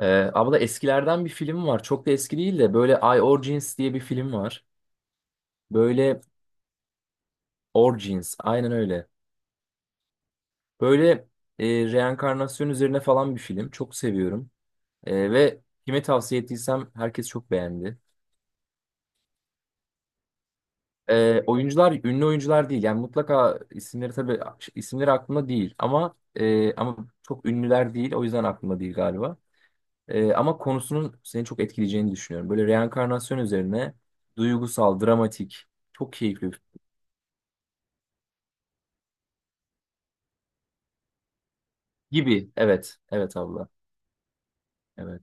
Ee, Abla eskilerden bir film var. Çok da eski değil de böyle I Origins diye bir film var. Böyle Origins, aynen öyle. Böyle reenkarnasyon üzerine falan bir film. Çok seviyorum. Ve kime tavsiye ettiysem herkes çok beğendi. Oyuncular ünlü oyuncular değil. Yani mutlaka isimleri, tabii isimleri aklımda değil ama ama çok ünlüler değil. O yüzden aklımda değil galiba. Ama konusunun seni çok etkileyeceğini düşünüyorum. Böyle reenkarnasyon üzerine duygusal, dramatik, çok keyifli bir... Gibi. Evet. Evet abla. Evet.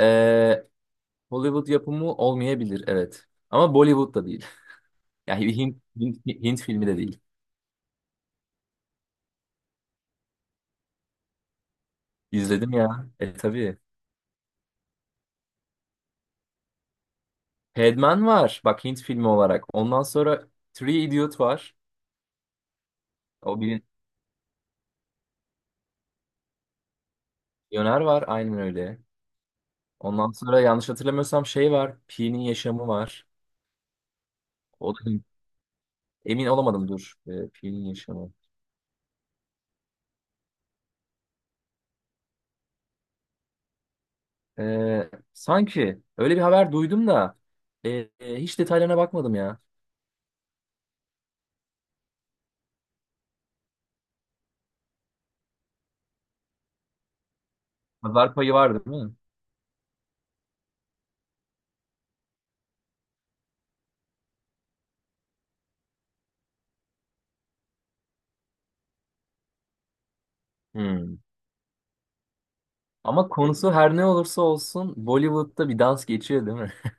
Ee, Hollywood yapımı olmayabilir. Evet. Ama Bollywood da değil. Yani bir Hint filmi de değil. İzledim ya. E tabii. Padman var. Bak, Hint filmi olarak. Ondan sonra Three Idiot var. O bir milyoner var. Aynen öyle. Ondan sonra yanlış hatırlamıyorsam şey var, Pi'nin yaşamı var. O da Hint. Emin olamadım, dur. Pi'nin yaşamı. Sanki öyle bir haber duydum da e, hiç detaylarına bakmadım ya. Pazar payı var değil mi? Hmm. Ama konusu her ne olursa olsun Bollywood'da bir dans geçiyor değil mi?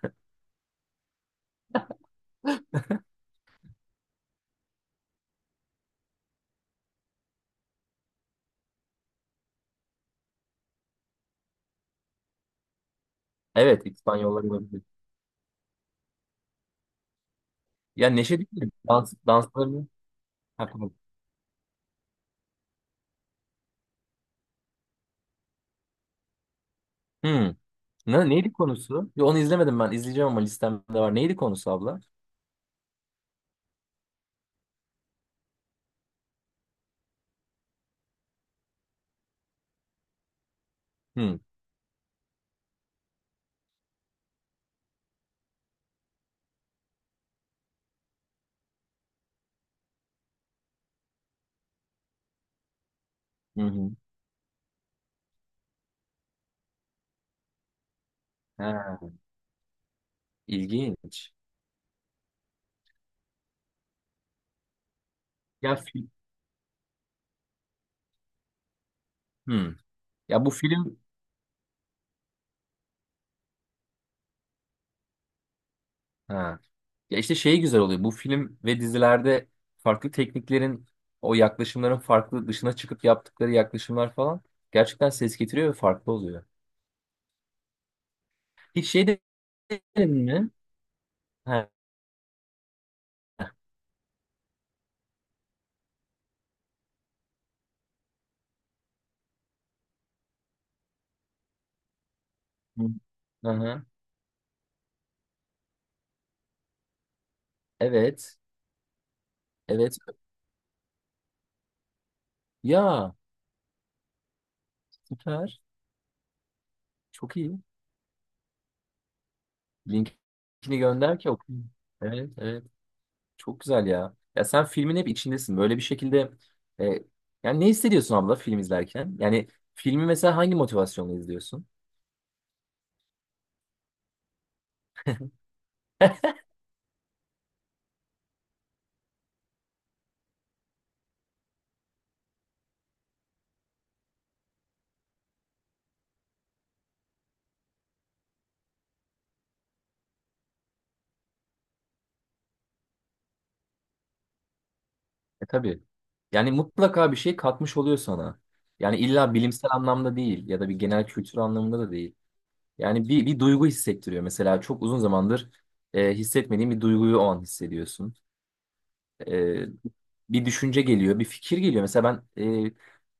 Evet, İspanyollar olabilir. Ya Neşe değil mi? Dans, danslarını... Ha, tamam. Hmm. Ne, neydi konusu? Ya onu izlemedim ben. İzleyeceğim ama listemde var. Neydi konusu abla? Hmm. Hı hı. Ha, ilginç. Ya film. Hmm. Ya bu film. Ha. Ya işte şey güzel oluyor. Bu film ve dizilerde farklı tekniklerin, o yaklaşımların farklı dışına çıkıp yaptıkları yaklaşımlar falan gerçekten ses getiriyor ve farklı oluyor. Hiç denedin mi? Ha. Hı hı. Evet. Evet. Ya süper. Çok iyi. Linkini gönder ki okuyayım. Evet, evet. Çok güzel ya. Ya sen filmin hep içindesin. Böyle bir şekilde e, yani ne hissediyorsun abla film izlerken? Yani filmi mesela hangi motivasyonla izliyorsun? E tabii. Yani mutlaka bir şey katmış oluyor sana. Yani illa bilimsel anlamda değil ya da bir genel kültür anlamında da değil. Yani bir, bir duygu hissettiriyor. Mesela çok uzun zamandır hissetmediğin bir duyguyu o an hissediyorsun, e, bir düşünce geliyor, bir fikir geliyor. Mesela ben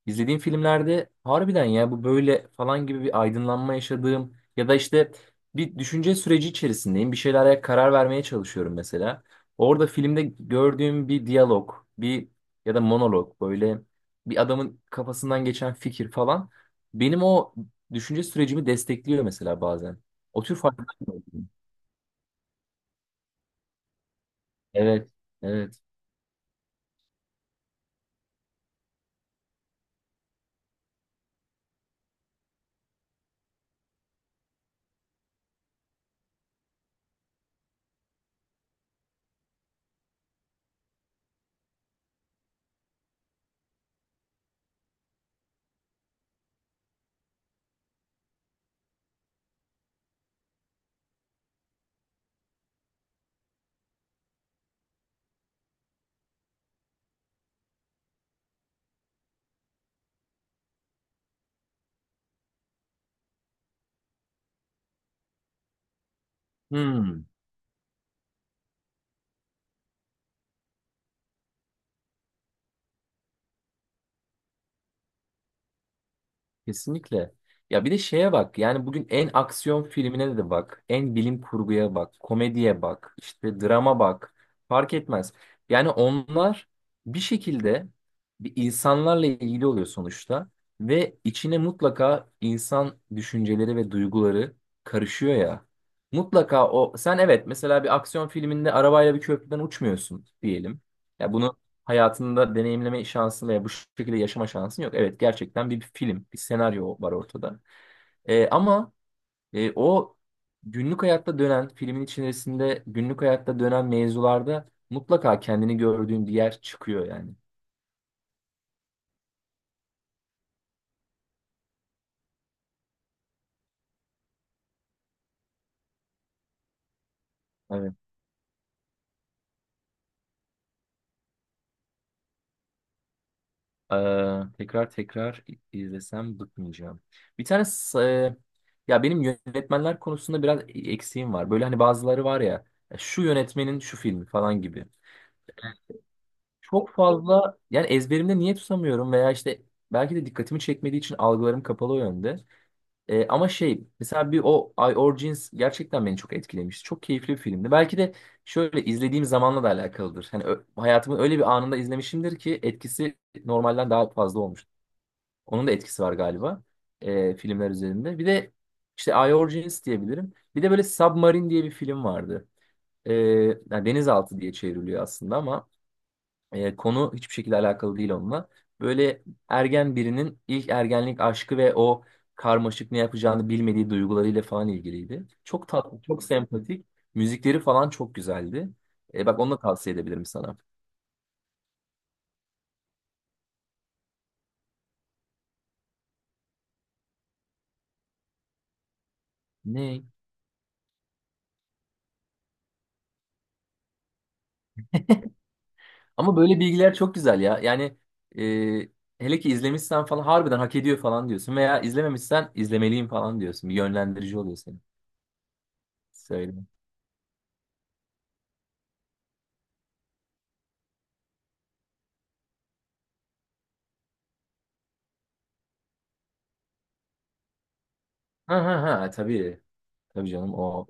izlediğim filmlerde harbiden ya bu böyle falan gibi bir aydınlanma yaşadığım ya da işte bir düşünce süreci içerisindeyim. Bir şeylere karar vermeye çalışıyorum mesela. Orada filmde gördüğüm bir diyalog, bir ya da monolog, böyle bir adamın kafasından geçen fikir falan, benim o düşünce sürecimi destekliyor mesela bazen. O tür farklar. Evet, evet. Hmm. Kesinlikle. Ya bir de şeye bak. Yani bugün en aksiyon filmine de bak. En bilim kurguya bak. Komediye bak. İşte drama bak. Fark etmez. Yani onlar bir şekilde bir insanlarla ilgili oluyor sonuçta. Ve içine mutlaka insan düşünceleri ve duyguları karışıyor ya. Mutlaka o, sen evet mesela bir aksiyon filminde arabayla bir köprüden uçmuyorsun diyelim. Ya bunu hayatında deneyimleme şansın veya bu şekilde yaşama şansın yok. Evet, gerçekten bir film, bir senaryo var ortada. Ama o günlük hayatta dönen, filmin içerisinde günlük hayatta dönen mevzularda mutlaka kendini gördüğün bir yer çıkıyor yani. Evet. Tekrar tekrar izlesem bıkmayacağım. Bir tane ya benim yönetmenler konusunda biraz eksiğim var. Böyle hani bazıları var ya, şu yönetmenin şu filmi falan gibi. Çok fazla yani, ezberimde niye tutamıyorum veya işte belki de dikkatimi çekmediği için algılarım kapalı o yönde. Ama şey mesela bir o I Origins gerçekten beni çok etkilemişti. Çok keyifli bir filmdi. Belki de şöyle izlediğim zamanla da alakalıdır. Hani hayatımın öyle bir anında izlemişimdir ki etkisi normalden daha fazla olmuş. Onun da etkisi var galiba filmler üzerinde. Bir de işte I Origins diyebilirim. Bir de böyle Submarine diye bir film vardı. Ee, Yani denizaltı diye çevriliyor aslında ama konu hiçbir şekilde alakalı değil onunla. Böyle ergen birinin ilk ergenlik aşkı ve o karmaşık ne yapacağını bilmediği duygularıyla falan ilgiliydi. Çok tatlı, çok sempatik. Müzikleri falan çok güzeldi. Bak onu da tavsiye edebilirim sana. Ne? Ama böyle bilgiler çok güzel ya. Yani hele ki izlemişsen falan harbiden hak ediyor falan diyorsun. Veya izlememişsen izlemeliyim falan diyorsun. Bir yönlendirici oluyor senin. Söyle. Ha ha ha, tabii. Tabii canım o.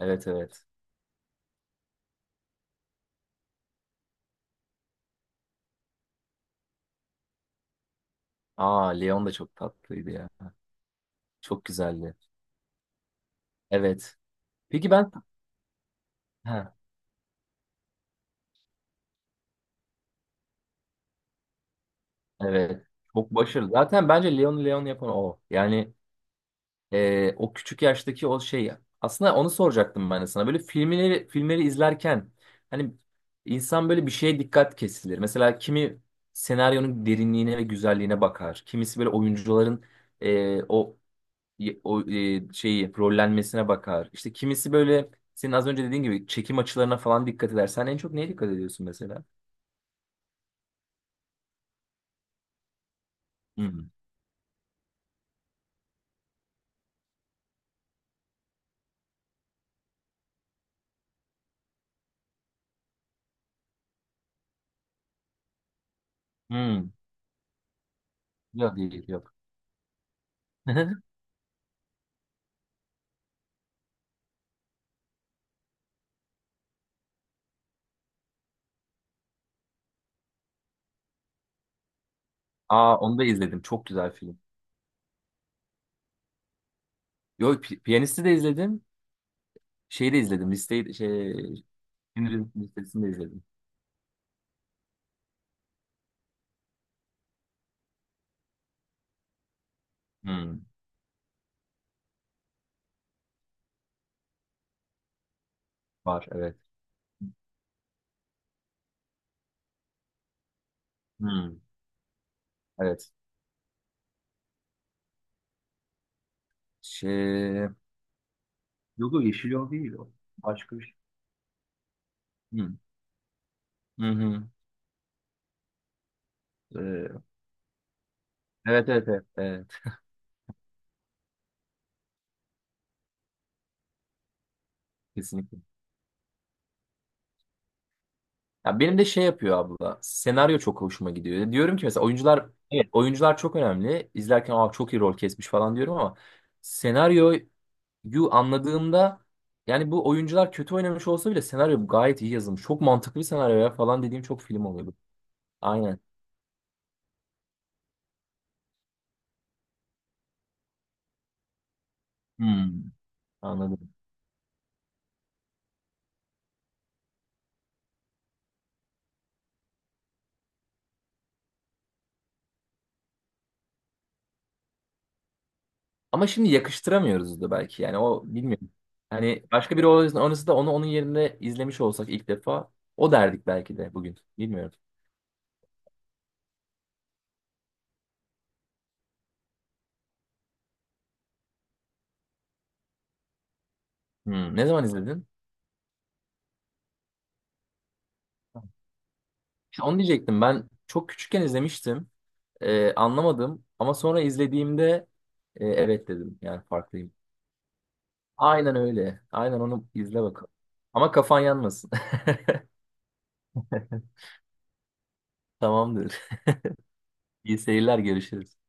Evet, evet. Aa, Leon da çok tatlıydı ya. Çok güzeldi. Evet. Peki ben, ha, evet. Çok başarılı. Zaten bence Leon yapan o. Yani o küçük yaştaki o şey. Aslında onu soracaktım ben de sana. Böyle filmleri izlerken hani insan böyle bir şeye dikkat kesilir. Mesela kimi senaryonun derinliğine ve güzelliğine bakar. Kimisi böyle oyuncuların e, o şeyi rollenmesine bakar. İşte kimisi böyle senin az önce dediğin gibi çekim açılarına falan dikkat eder. Sen en çok neye dikkat ediyorsun mesela? Hı hı. Yok, değil yok. Aa, onu da izledim. Çok güzel film. Yok, Piyanist'i de izledim. Şeyi de izledim. Listeyi, şey, filmin listesini de izledim. Hmm, var evet. Hmm, evet. Şey, yok o Yeşil Yol değil o. Başka bir şey. Hmm. Hı hı. Ee, evet, evet, evet, evet, kesinlikle. Ya benim de şey yapıyor abla. Senaryo çok hoşuma gidiyor. Diyorum ki mesela oyuncular, evet oyuncular çok önemli. İzlerken aa, çok iyi rol kesmiş falan diyorum ama senaryo, Yu anladığımda yani bu oyuncular kötü oynamış olsa bile senaryo gayet iyi yazılmış. Çok mantıklı bir senaryo ya falan dediğim çok film oluyordu. Aynen. Hmm. Anladım. Ama şimdi yakıştıramıyoruz da belki yani o bilmiyorum. Hani başka biri oynasa, oynasa da onu onun yerinde izlemiş olsak ilk defa o derdik belki de bugün. Bilmiyorum. Hmm. Ne zaman izledin? İşte onu diyecektim, ben çok küçükken izlemiştim. Anlamadım ama sonra izlediğimde evet dedim, yani farklıyım. Aynen öyle. Aynen onu izle bakalım. Ama kafan yanmasın. Tamamdır. İyi seyirler, görüşürüz.